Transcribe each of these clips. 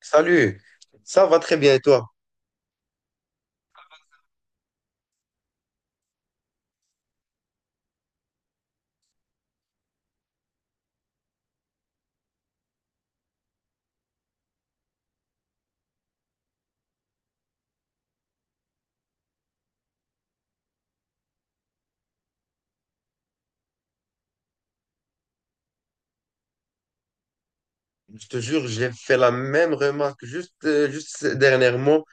Salut, ça va très bien et toi? Je te jure, j'ai fait la même remarque juste dernièrement.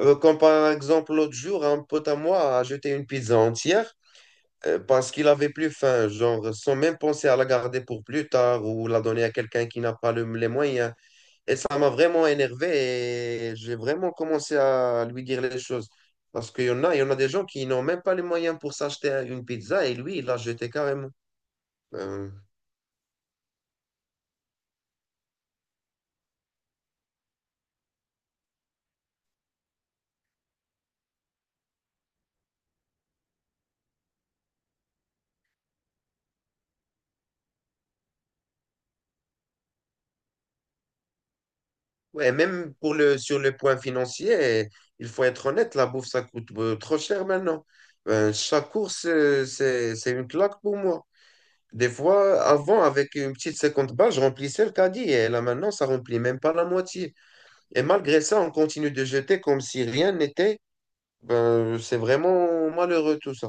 Comme par exemple l'autre jour, un pote à moi a jeté une pizza entière parce qu'il avait plus faim, genre sans même penser à la garder pour plus tard ou la donner à quelqu'un qui n'a pas les moyens. Et ça m'a vraiment énervé et j'ai vraiment commencé à lui dire les choses. Parce qu'il y en a des gens qui n'ont même pas les moyens pour s'acheter une pizza et lui, il l'a jeté carrément. Euh, Ouais, même sur le point financier, il faut être honnête, la bouffe, ça coûte trop cher maintenant. Chaque course, c'est une claque pour moi. Des fois, avant, avec une petite 50 balles, je remplissais le caddie. Et là, maintenant, ça remplit même pas la moitié. Et malgré ça, on continue de jeter comme si rien n'était. Ben, c'est vraiment malheureux tout ça.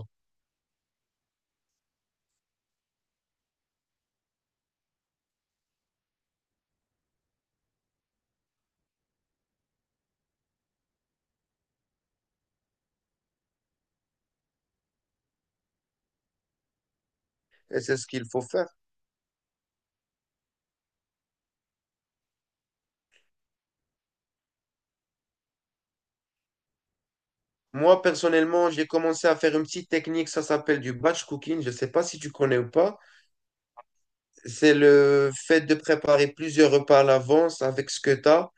Et c'est ce qu'il faut faire. Moi, personnellement, j'ai commencé à faire une petite technique, ça s'appelle du batch cooking. Je ne sais pas si tu connais ou pas. C'est le fait de préparer plusieurs repas à l'avance avec ce que tu as.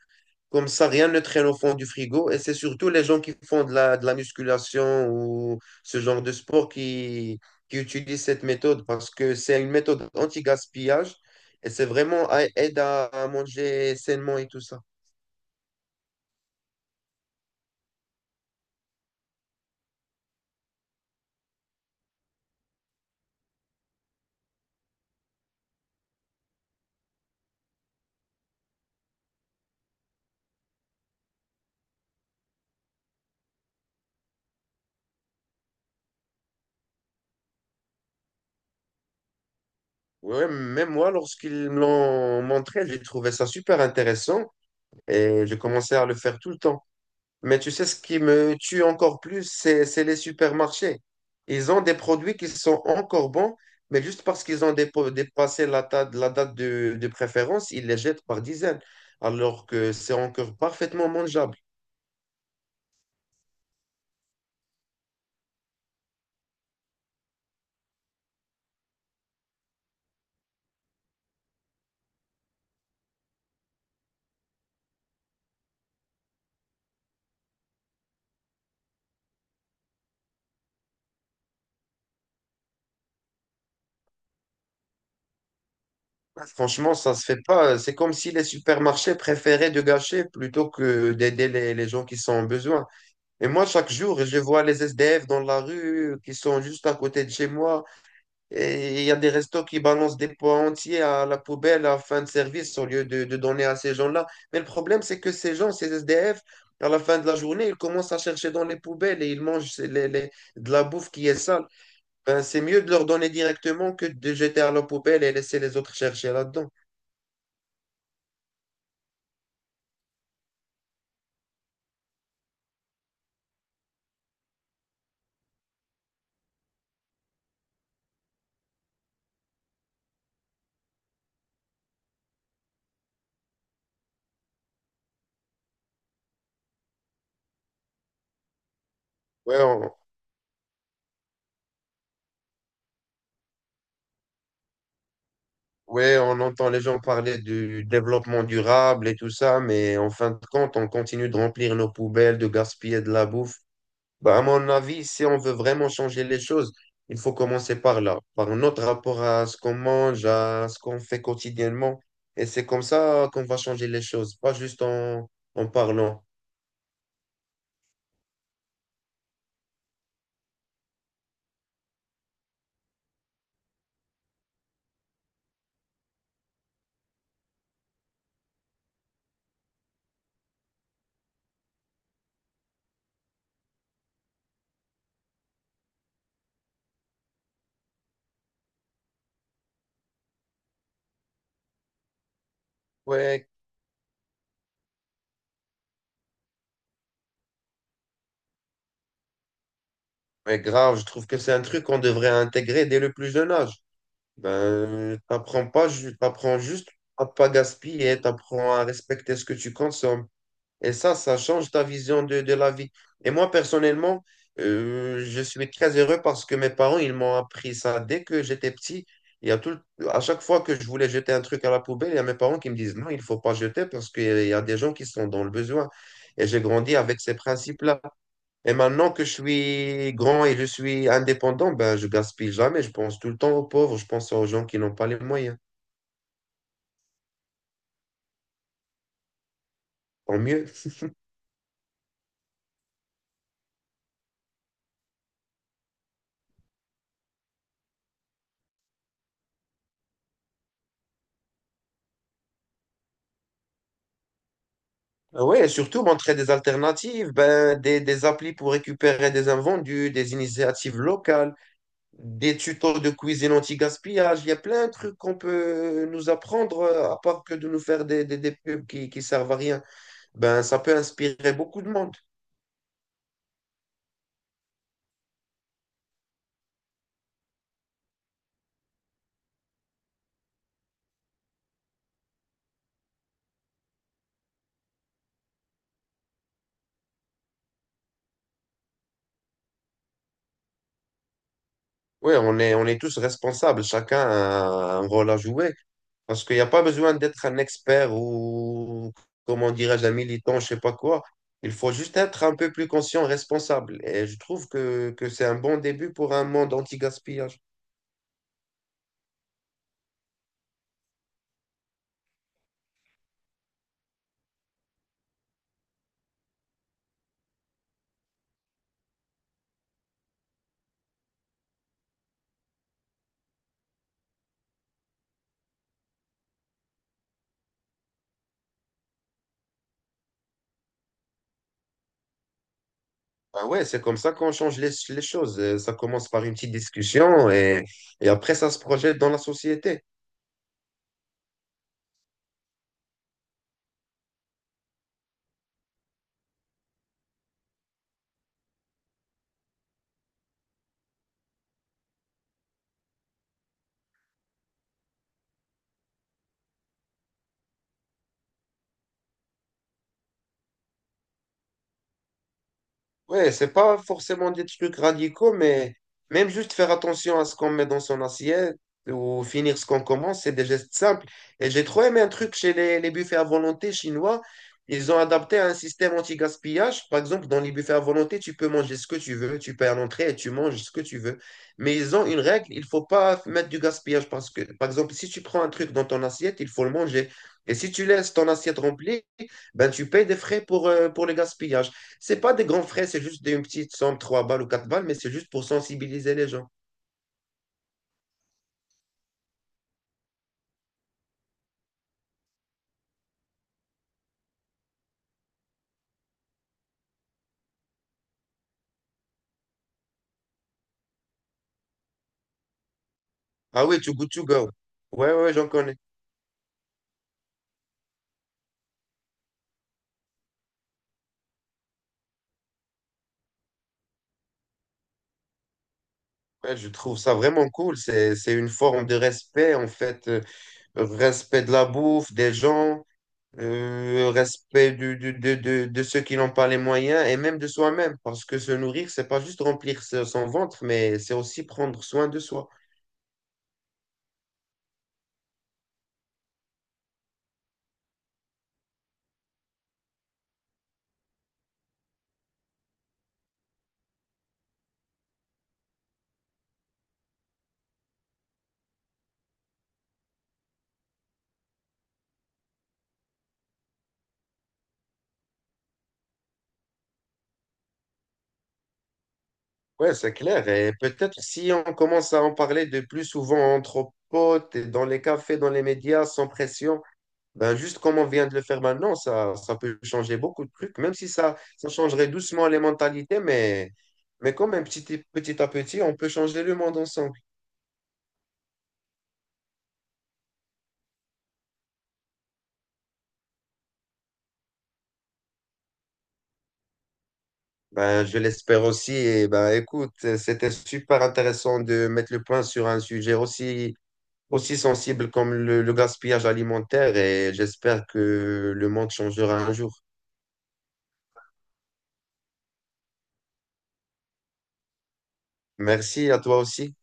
Comme ça, rien ne traîne au fond du frigo. Et c'est surtout les gens qui font de la musculation ou ce genre de sport qui utilisent cette méthode parce que c'est une méthode anti-gaspillage et c'est vraiment aide à manger sainement et tout ça. Ouais, même moi, lorsqu'ils me l'ont montré, j'ai trouvé ça super intéressant et j'ai commencé à le faire tout le temps. Mais tu sais, ce qui me tue encore plus, c'est les supermarchés. Ils ont des produits qui sont encore bons, mais juste parce qu'ils ont dépassé la date de préférence, ils les jettent par dizaines, alors que c'est encore parfaitement mangeable. Franchement, ça se fait pas. C'est comme si les supermarchés préféraient de gâcher plutôt que d'aider les gens qui sont en besoin. Et moi, chaque jour, je vois les SDF dans la rue qui sont juste à côté de chez moi. Et il y a des restos qui balancent des pois entiers à la poubelle à fin de service au lieu de donner à ces gens-là. Mais le problème, c'est que ces gens, ces SDF, à la fin de la journée, ils commencent à chercher dans les poubelles et ils mangent de la bouffe qui est sale. Ben, c'est mieux de leur donner directement que de jeter à la poubelle et laisser les autres chercher là-dedans. Ouais, on, ouais, on entend les gens parler du développement durable et tout ça, mais en fin de compte, on continue de remplir nos poubelles, de gaspiller de la bouffe. Bah, à mon avis, si on veut vraiment changer les choses, il faut commencer par là, par notre rapport à ce qu'on mange, à ce qu'on fait quotidiennement. Et c'est comme ça qu'on va changer les choses, pas juste en parlant. Ouais, mais grave, je trouve que c'est un truc qu'on devrait intégrer dès le plus jeune âge. Ben, t'apprends pas, t'apprends juste à pas gaspiller, t'apprends à respecter ce que tu consommes. Et ça change ta vision de la vie. Et moi, personnellement, je suis très heureux parce que mes parents, ils m'ont appris ça dès que j'étais petit. Il y a tout, à chaque fois que je voulais jeter un truc à la poubelle, il y a mes parents qui me disent non, il ne faut pas jeter parce qu'il y a des gens qui sont dans le besoin. Et j'ai grandi avec ces principes-là. Et maintenant que je suis grand et je suis indépendant, ben, je gaspille jamais. Je pense tout le temps aux pauvres, je pense aux gens qui n'ont pas les moyens. Tant mieux. Oui, et surtout montrer des alternatives, ben, des applis pour récupérer des invendus, des initiatives locales, des tutos de cuisine anti-gaspillage. Il y a plein de trucs qu'on peut nous apprendre, à part que de nous faire des pubs qui servent à rien. Ben, ça peut inspirer beaucoup de monde. Oui, on est tous responsables, chacun a un rôle à jouer. Parce qu'il n'y a pas besoin d'être un expert ou, comment dirais-je, un militant, je sais pas quoi. Il faut juste être un peu plus conscient, responsable. Et je trouve que c'est un bon début pour un monde anti-gaspillage. Ah ouais, c'est comme ça qu'on change les choses. Ça commence par une petite discussion et après, ça se projette dans la société. Ouais, c'est pas forcément des trucs radicaux, mais même juste faire attention à ce qu'on met dans son assiette ou finir ce qu'on commence, c'est des gestes simples. Et j'ai trop aimé un truc chez les buffets à volonté chinois. Ils ont adapté un système anti-gaspillage. Par exemple, dans les buffets à volonté, tu peux manger ce que tu veux. Tu payes à l'entrée et tu manges ce que tu veux. Mais ils ont une règle, il faut pas mettre du gaspillage parce que, par exemple, si tu prends un truc dans ton assiette, il faut le manger. Et si tu laisses ton assiette remplie, ben, tu payes des frais pour le gaspillage. C'est pas des grands frais, c'est juste une petite somme, 3 balles ou 4 balles, mais c'est juste pour sensibiliser les gens. Ah oui, Too Good To Go. Ouais, ouais, j'en connais. Ouais, je trouve ça vraiment cool. C'est une forme de respect, en fait. Respect de la bouffe, des gens, respect de ceux qui n'ont pas les moyens et même de soi-même. Parce que se nourrir, c'est pas juste remplir son ventre, mais c'est aussi prendre soin de soi. Ouais, c'est clair. Et peut-être si on commence à en parler de plus souvent entre potes, et dans les cafés, dans les médias, sans pression, ben juste comme on vient de le faire maintenant, ça peut changer beaucoup de trucs, même si ça, ça changerait doucement les mentalités, mais quand même petit à petit, on peut changer le monde ensemble. Ben, je l'espère aussi. Et ben, écoute, c'était super intéressant de mettre le point sur un sujet aussi, aussi sensible comme le gaspillage alimentaire et j'espère que le monde changera un jour. Merci à toi aussi.